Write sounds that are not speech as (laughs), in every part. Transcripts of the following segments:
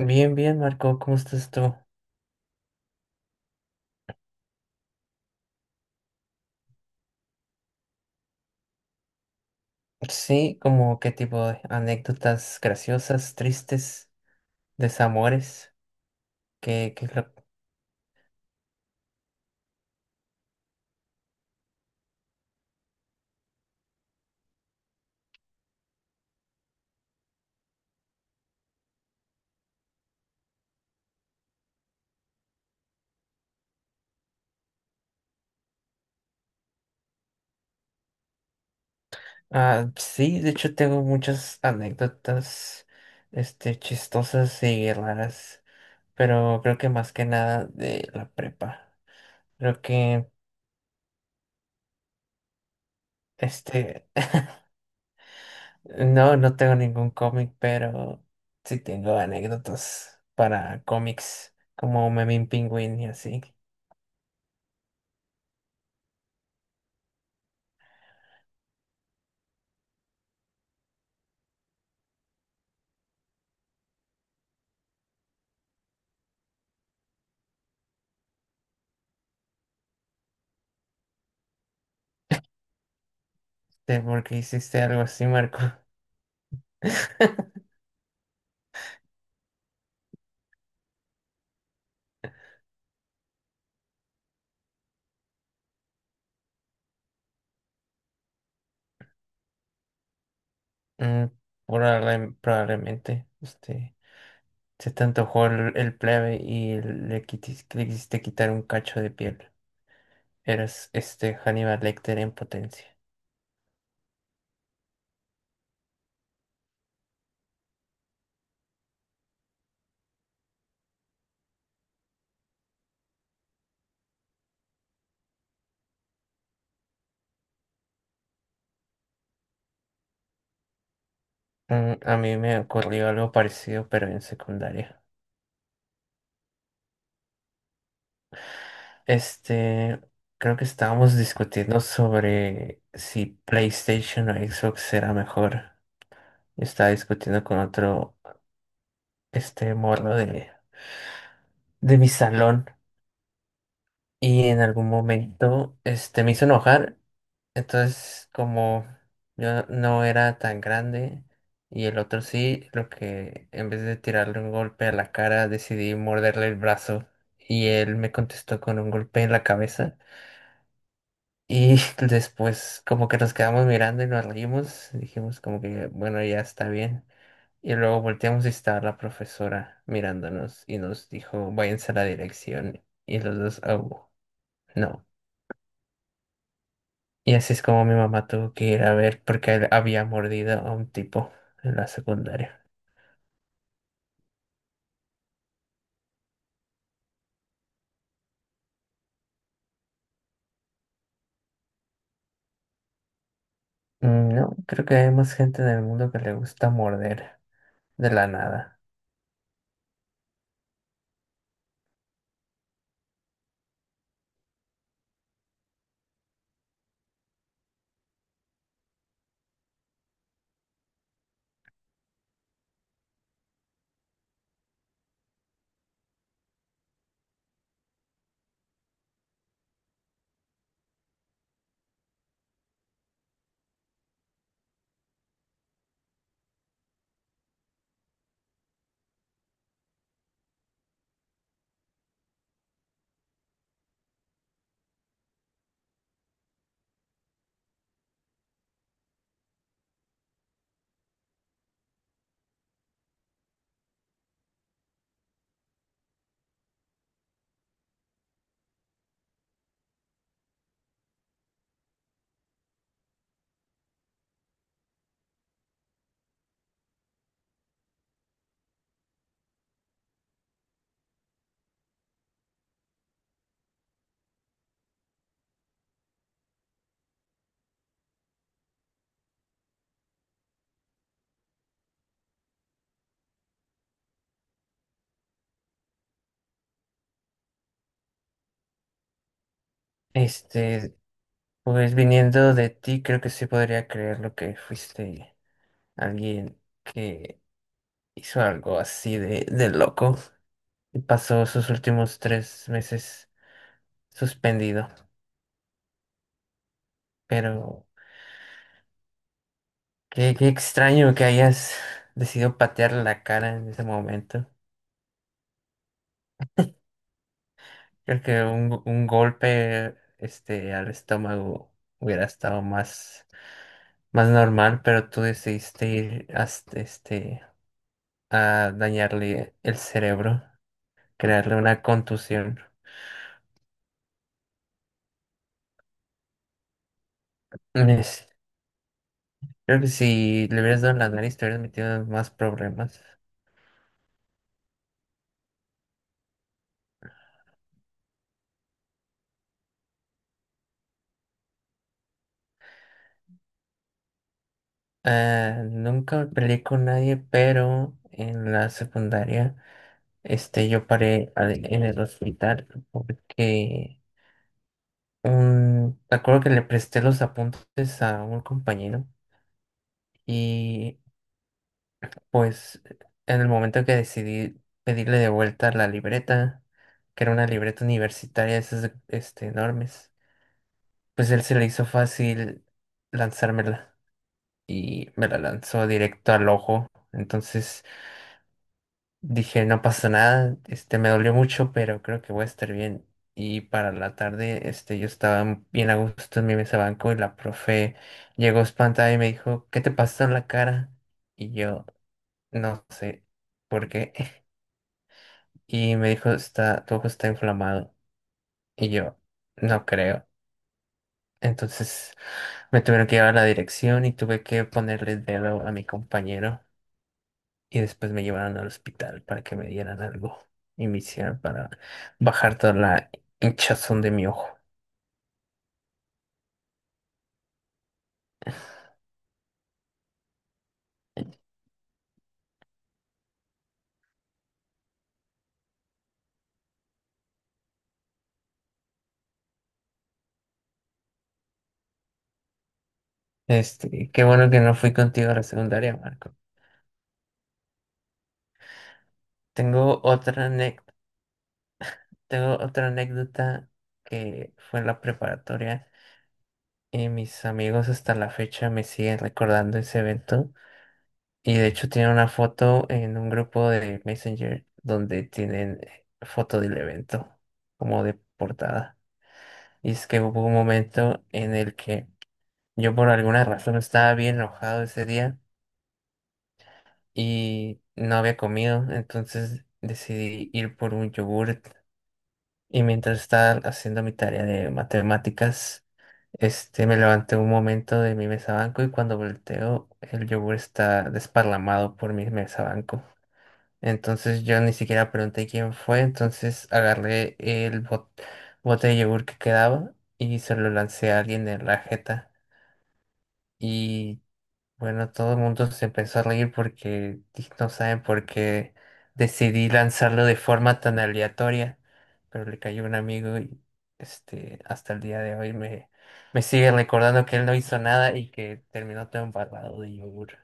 Bien, bien, Marco, ¿cómo estás tú? Sí, como qué tipo de anécdotas graciosas, tristes, desamores, que, que lo- Ah, sí, de hecho tengo muchas anécdotas, este, chistosas y raras, pero creo que más que nada de la prepa. Creo que, este, (laughs) no tengo ningún cómic, pero sí tengo anécdotas para cómics, como Memín Pingüín y así. ¿De por qué hiciste algo así, Marco? (laughs) Mm, probablemente, este, se te antojó el plebe y le quisiste quitar un cacho de piel. Eras este Hannibal Lecter en potencia. Mm, a mí me ocurrió algo parecido, pero en secundaria. Este, creo que estábamos discutiendo sobre si PlayStation o Xbox era mejor. Yo estaba discutiendo con otro, este, morro de mi salón, y en algún momento este, me hizo enojar. Entonces, como yo no era tan grande y el otro sí, lo que en vez de tirarle un golpe a la cara, decidí morderle el brazo y él me contestó con un golpe en la cabeza. Y (laughs) después como que nos quedamos mirando y nos reímos, dijimos como que bueno, ya está bien. Y luego volteamos y estaba la profesora mirándonos y nos dijo, váyanse a la dirección. Y los dos, oh, no. Y así es como mi mamá tuvo que ir a ver porque él había mordido a un tipo en la secundaria. Mm, no, creo que hay más gente en el mundo que le gusta morder de la nada. Este, pues viniendo de ti, creo que sí podría creer lo que fuiste alguien que hizo algo así de loco y pasó sus últimos 3 meses suspendido. Pero qué, qué extraño que hayas decidido patear la cara en ese momento. Creo que un golpe este, al estómago hubiera estado más, más normal, pero tú decidiste ir hasta, este, a dañarle el cerebro, crearle una contusión. Es- creo que si le hubieras dado en la nariz, te hubieras metido en más problemas. Ah, nunca me peleé con nadie, pero en la secundaria este, yo en el hospital porque un, me acuerdo que le presté los apuntes a un compañero y pues en el momento que decidí pedirle de vuelta la libreta, que era una libreta universitaria, este, enormes, pues él se le hizo fácil lanzármela y me la lanzó directo al ojo. Entonces dije, no pasa nada, este me dolió mucho, pero creo que voy a estar bien. Y para la tarde, este, yo estaba bien a gusto en mi mesa banco y la profe llegó espantada y me dijo, ¿qué te pasó en la cara? Y yo, no sé por qué. (laughs) Y me dijo, está, tu ojo está inflamado. Y yo, no creo. Entonces me tuvieron que llevar a la dirección y tuve que ponerle el dedo a mi compañero, y después me llevaron al hospital para que me dieran algo y me hicieran para bajar toda la hinchazón de mi ojo. Este, qué bueno que no fui contigo a la secundaria, Marco. Tengo otra ane tengo otra anécdota que fue en la preparatoria y mis amigos hasta la fecha me siguen recordando ese evento y de hecho tienen una foto en un grupo de Messenger donde tienen foto del evento como de portada. Y es que hubo un momento en el que yo por alguna razón estaba bien enojado ese día y no había comido, entonces decidí ir por un yogurt. Y mientras estaba haciendo mi tarea de matemáticas, este, me levanté un momento de mi mesa banco y cuando volteo el yogur está desparlamado por mi mesa banco. Entonces yo ni siquiera pregunté quién fue, entonces agarré bote de yogur que quedaba y se lo lancé a alguien en la jeta. Y bueno, todo el mundo se empezó a reír porque no saben por qué decidí lanzarlo de forma tan aleatoria, pero le cayó un amigo y este, hasta el día de hoy me sigue recordando que él no hizo nada y que terminó todo embarrado de yogur.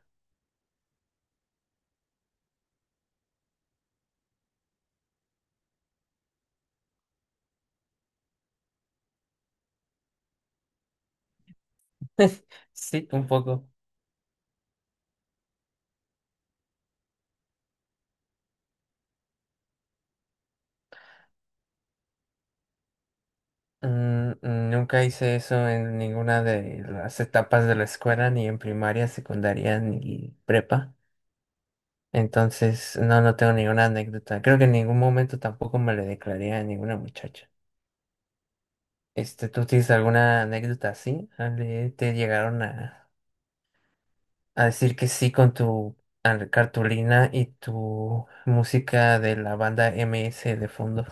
(laughs) Sí, un poco. Mm, nunca hice eso en ninguna de las etapas de la escuela, ni en primaria, secundaria, ni prepa. Entonces, no, no tengo ninguna anécdota. Creo que en ningún momento tampoco me le declaré a ninguna muchacha. Este, ¿tú tienes alguna anécdota así? Ale, ¿te llegaron a decir que sí con tu cartulina y tu música de la banda MS de fondo?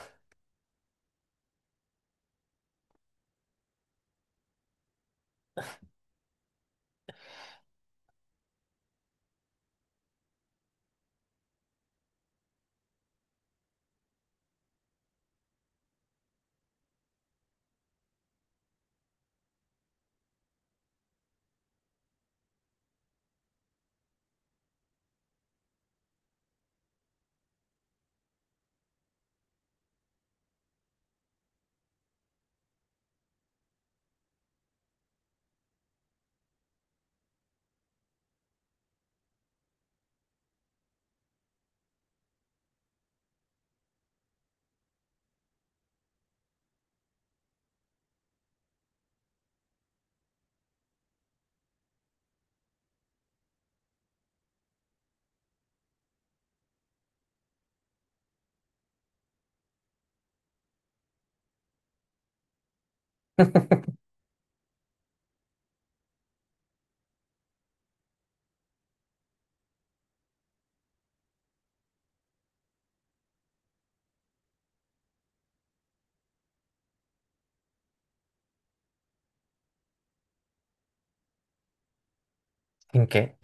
(laughs) ¿En qué?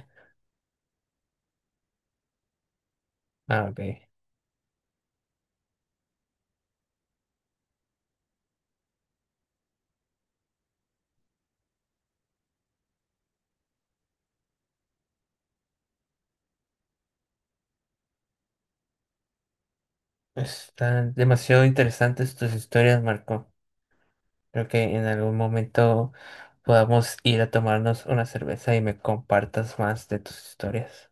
Ah, ok. Están demasiado interesantes tus historias, Marco. Creo que en algún momento podamos ir a tomarnos una cerveza y me compartas más de tus historias.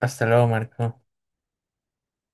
Hasta luego, Marco.